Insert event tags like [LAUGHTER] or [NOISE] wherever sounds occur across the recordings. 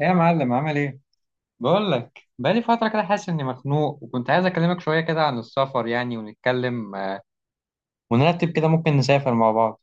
ايه يا معلم، عامل ايه؟ بقول لك بقالي فتره كده حاسس اني مخنوق، وكنت عايز اكلمك شويه كده عن السفر يعني، ونتكلم ونرتب كده ممكن نسافر مع بعض.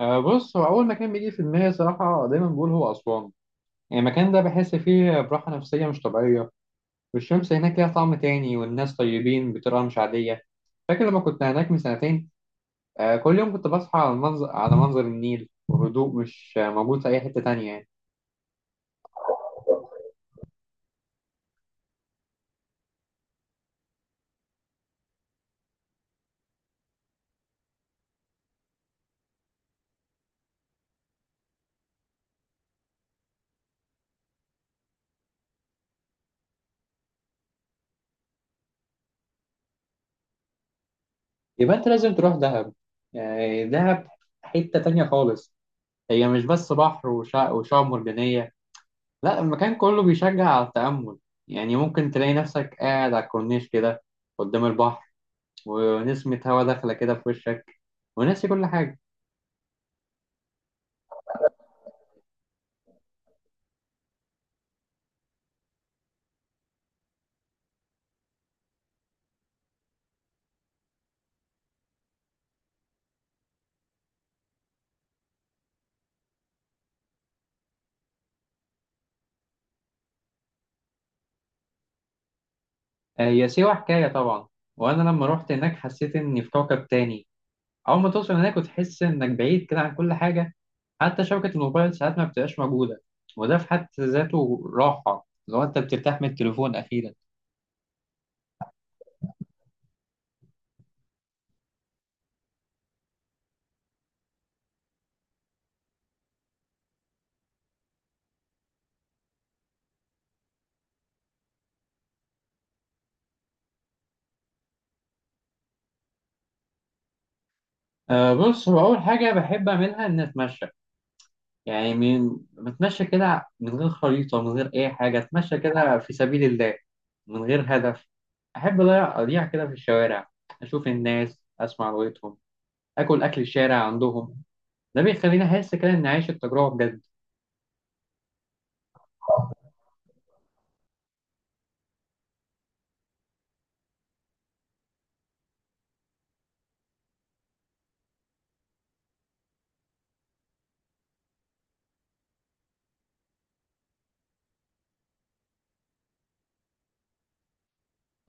أه، بص. هو أول مكان بيجي في دماغي صراحة دايما بقول هو أسوان. يعني المكان ده بحس فيه براحة نفسية مش طبيعية، والشمس هناك ليها طعم تاني، والناس طيبين بطريقة مش عادية. فاكر لما كنت هناك من سنتين؟ أه، كل يوم كنت بصحى على المنظر، على منظر النيل وهدوء مش موجود في أي حتة تانية يعني. يبقى أنت لازم تروح دهب. يعني دهب حتة تانية خالص. هي مش بس بحر وشعاب مرجانية، لا المكان كله بيشجع على التأمل. يعني ممكن تلاقي نفسك قاعد على الكورنيش كده قدام البحر، ونسمة هوا داخلة كده في وشك، وناسي كل حاجة. آه، هي سيوة حكاية طبعا. وأنا لما روحت هناك حسيت إني في كوكب تاني. أول ما توصل هناك وتحس إنك بعيد كده عن كل حاجة، حتى شبكة الموبايل ساعات ما بتبقاش موجودة، وده في حد ذاته راحة لو أنت بترتاح من التليفون أخيرا. أه، بص. هو أول حاجة بحب أعملها إني أتمشى. يعني من بتمشى كده من غير خريطة، من غير أي حاجة، أتمشى كده في سبيل الله من غير هدف. أحب أضيع أضيع كده في الشوارع، أشوف الناس، أسمع لغتهم، أكل أكل الشارع عندهم. ده بيخليني أحس كده إني عايش التجربة بجد.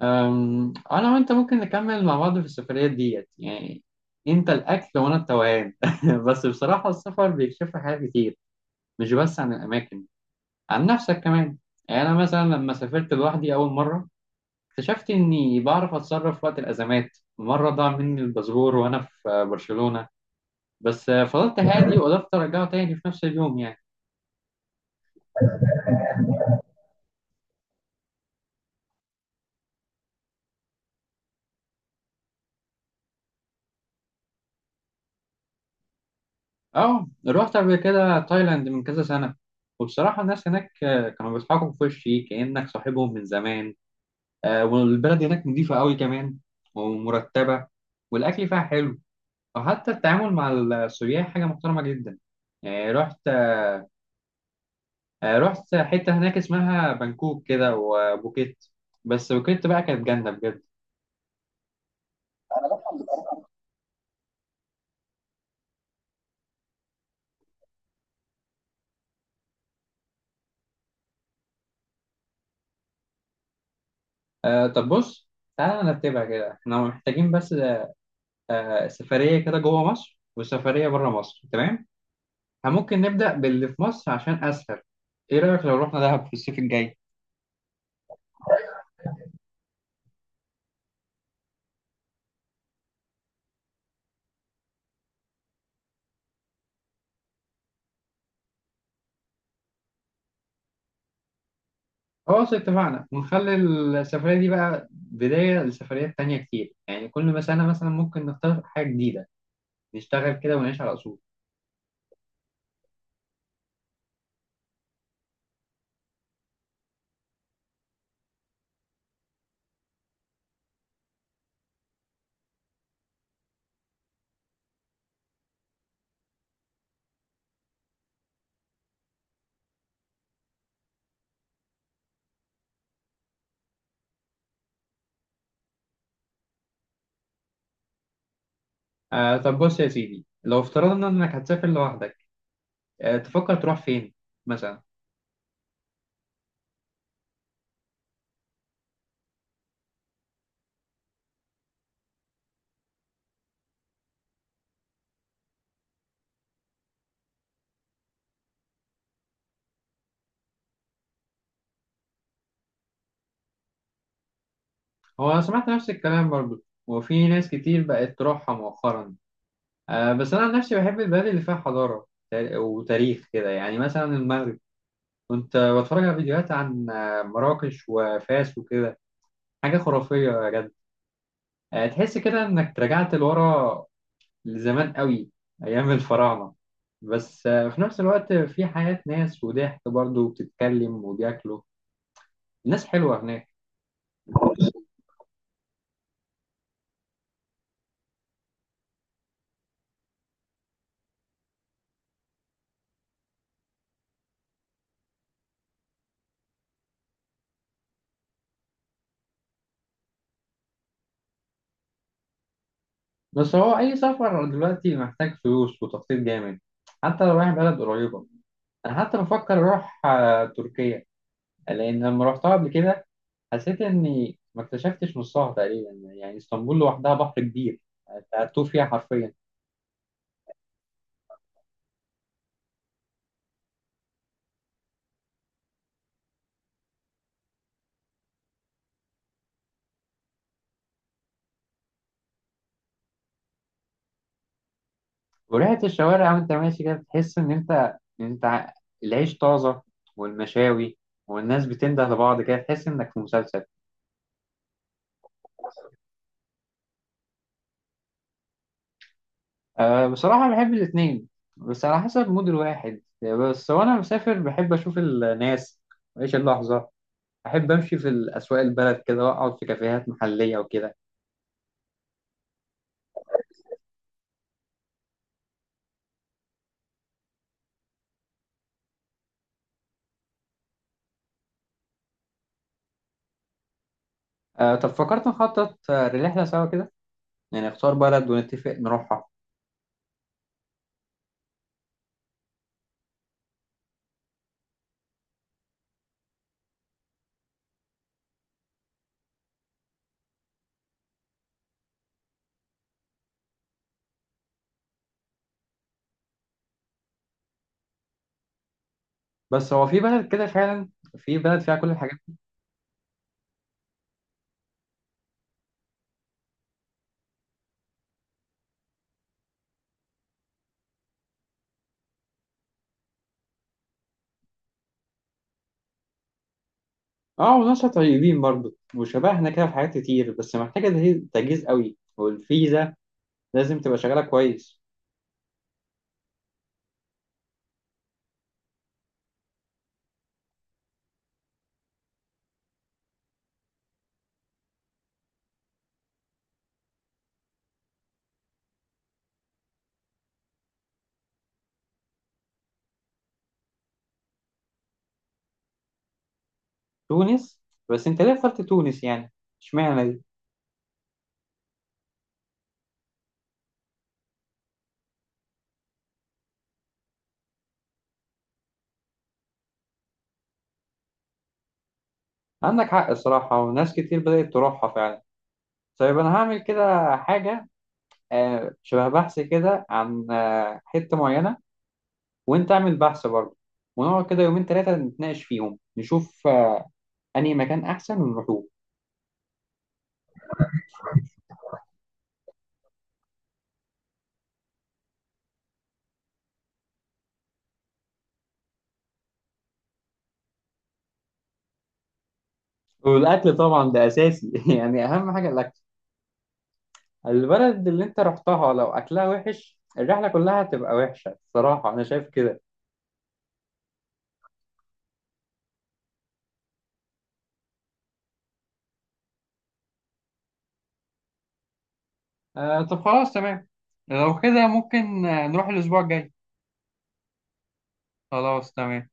أنا وأنت ممكن نكمل مع بعض في السفرية ديت يعني. أنت الأكل وأنا التوهان. [LAUGHS] بس بصراحة السفر بيكشف لي حاجات كتير، مش بس عن الأماكن، عن نفسك كمان. يعني أنا مثلا لما سافرت لوحدي أول مرة اكتشفت إني بعرف أتصرف وقت الأزمات. مرة ضاع مني الباسبور وأنا في برشلونة، بس فضلت هادي وقدرت أرجعه تاني في نفس اليوم يعني. أه، رحت قبل كده تايلاند من كذا سنة. وبصراحة الناس هناك كانوا بيضحكوا في وشي كأنك صاحبهم من زمان. والبلد هناك نضيفة قوي كمان، ومرتبة، والأكل فيها حلو، وحتى التعامل مع السياح حاجة محترمة جدا. يعني رحت، رحت حتة هناك اسمها بانكوك كده وبوكيت. بس بوكيت بقى كانت جنة بجد. آه، طب بص، تعالى نرتبها كده. احنا محتاجين بس سفرية كده جوه مصر وسفرية بره مصر، تمام؟ احنا ممكن نبدأ باللي في مصر عشان أسهل. ايه رأيك لو رحنا دهب في الصيف الجاي؟ خلاص اتفقنا. ونخلي السفرية دي بقى بداية لسفريات تانية كتير، يعني كل ما سنة مثلا ممكن نختار حاجة جديدة. نشتغل كده ونعيش على أصول. آه، طب بص يا سيدي، لو افترضنا إنك هتسافر لوحدك، تفكر تروح فين مثلا؟ هو أنا سمعت نفس الكلام برضو، وفي ناس كتير بقت تروحها مؤخرا. بس أنا عن نفسي بحب البلد اللي فيها حضارة وتاريخ كده. يعني مثلا المغرب، كنت بتفرج على فيديوهات عن مراكش وفاس وكده. حاجة خرافية يا جد. تحس كده إنك رجعت لورا لزمان قوي، أيام الفراعنة. بس في نفس الوقت في حياة ناس وضحك برضو، وبتتكلم وبياكلوا. الناس حلوة هناك. بس هو أي سفر دلوقتي محتاج فلوس وتخطيط جامد، حتى لو رايح بلد قريبة. أنا حتى بفكر أروح تركيا. لأن لما رحتها قبل كده حسيت إني ما اكتشفتش نصها تقريبا. يعني اسطنبول لوحدها بحر كبير، أنت هتوه فيها حرفيا. وريحة الشوارع وأنت ماشي كده بتحس إن أنت العيش طازة، والمشاوي، والناس بتنده لبعض كده، تحس إنك في مسلسل. أه، بصراحة بحب الاتنين، بس على حسب مود الواحد بس. وأنا مسافر بحب أشوف الناس وأعيش اللحظة. أحب أمشي في الأسواق البلد كده، وأقعد في كافيهات محلية وكده. أه، طب فكرت نخطط لرحلة سوا كده؟ يعني نختار بلد ونتفق نروحها. بس هو في بلد كده فعلا؟ في بلد فيها كل الحاجات؟ اه، وناس طيبين برضه، وشبهنا كده في حاجات كتير. بس محتاجة تجهيز تجهيز قوي، والفيزا لازم تبقى شغالة كويس. تونس؟ بس أنت ليه اخترت تونس يعني؟ اشمعنى دي؟ عندك حق الصراحة، وناس كتير بدأت تروحها فعلا. طيب أنا هعمل كده حاجة، شبه بحث كده عن حتة معينة، وأنت اعمل بحث برضه. ونقعد كده يومين تلاتة نتناقش فيهم، نشوف أنهي مكان أحسن ونروحوه. والأكل طبعا ده أساسي. [LAUGHS] يعني أهم حاجة الأكل. البلد اللي أنت رحتها لو أكلها وحش، الرحلة كلها هتبقى وحشة. الصراحة أنا شايف كده. آه، طب خلاص تمام. لو كده ممكن نروح الأسبوع الجاي. خلاص تمام.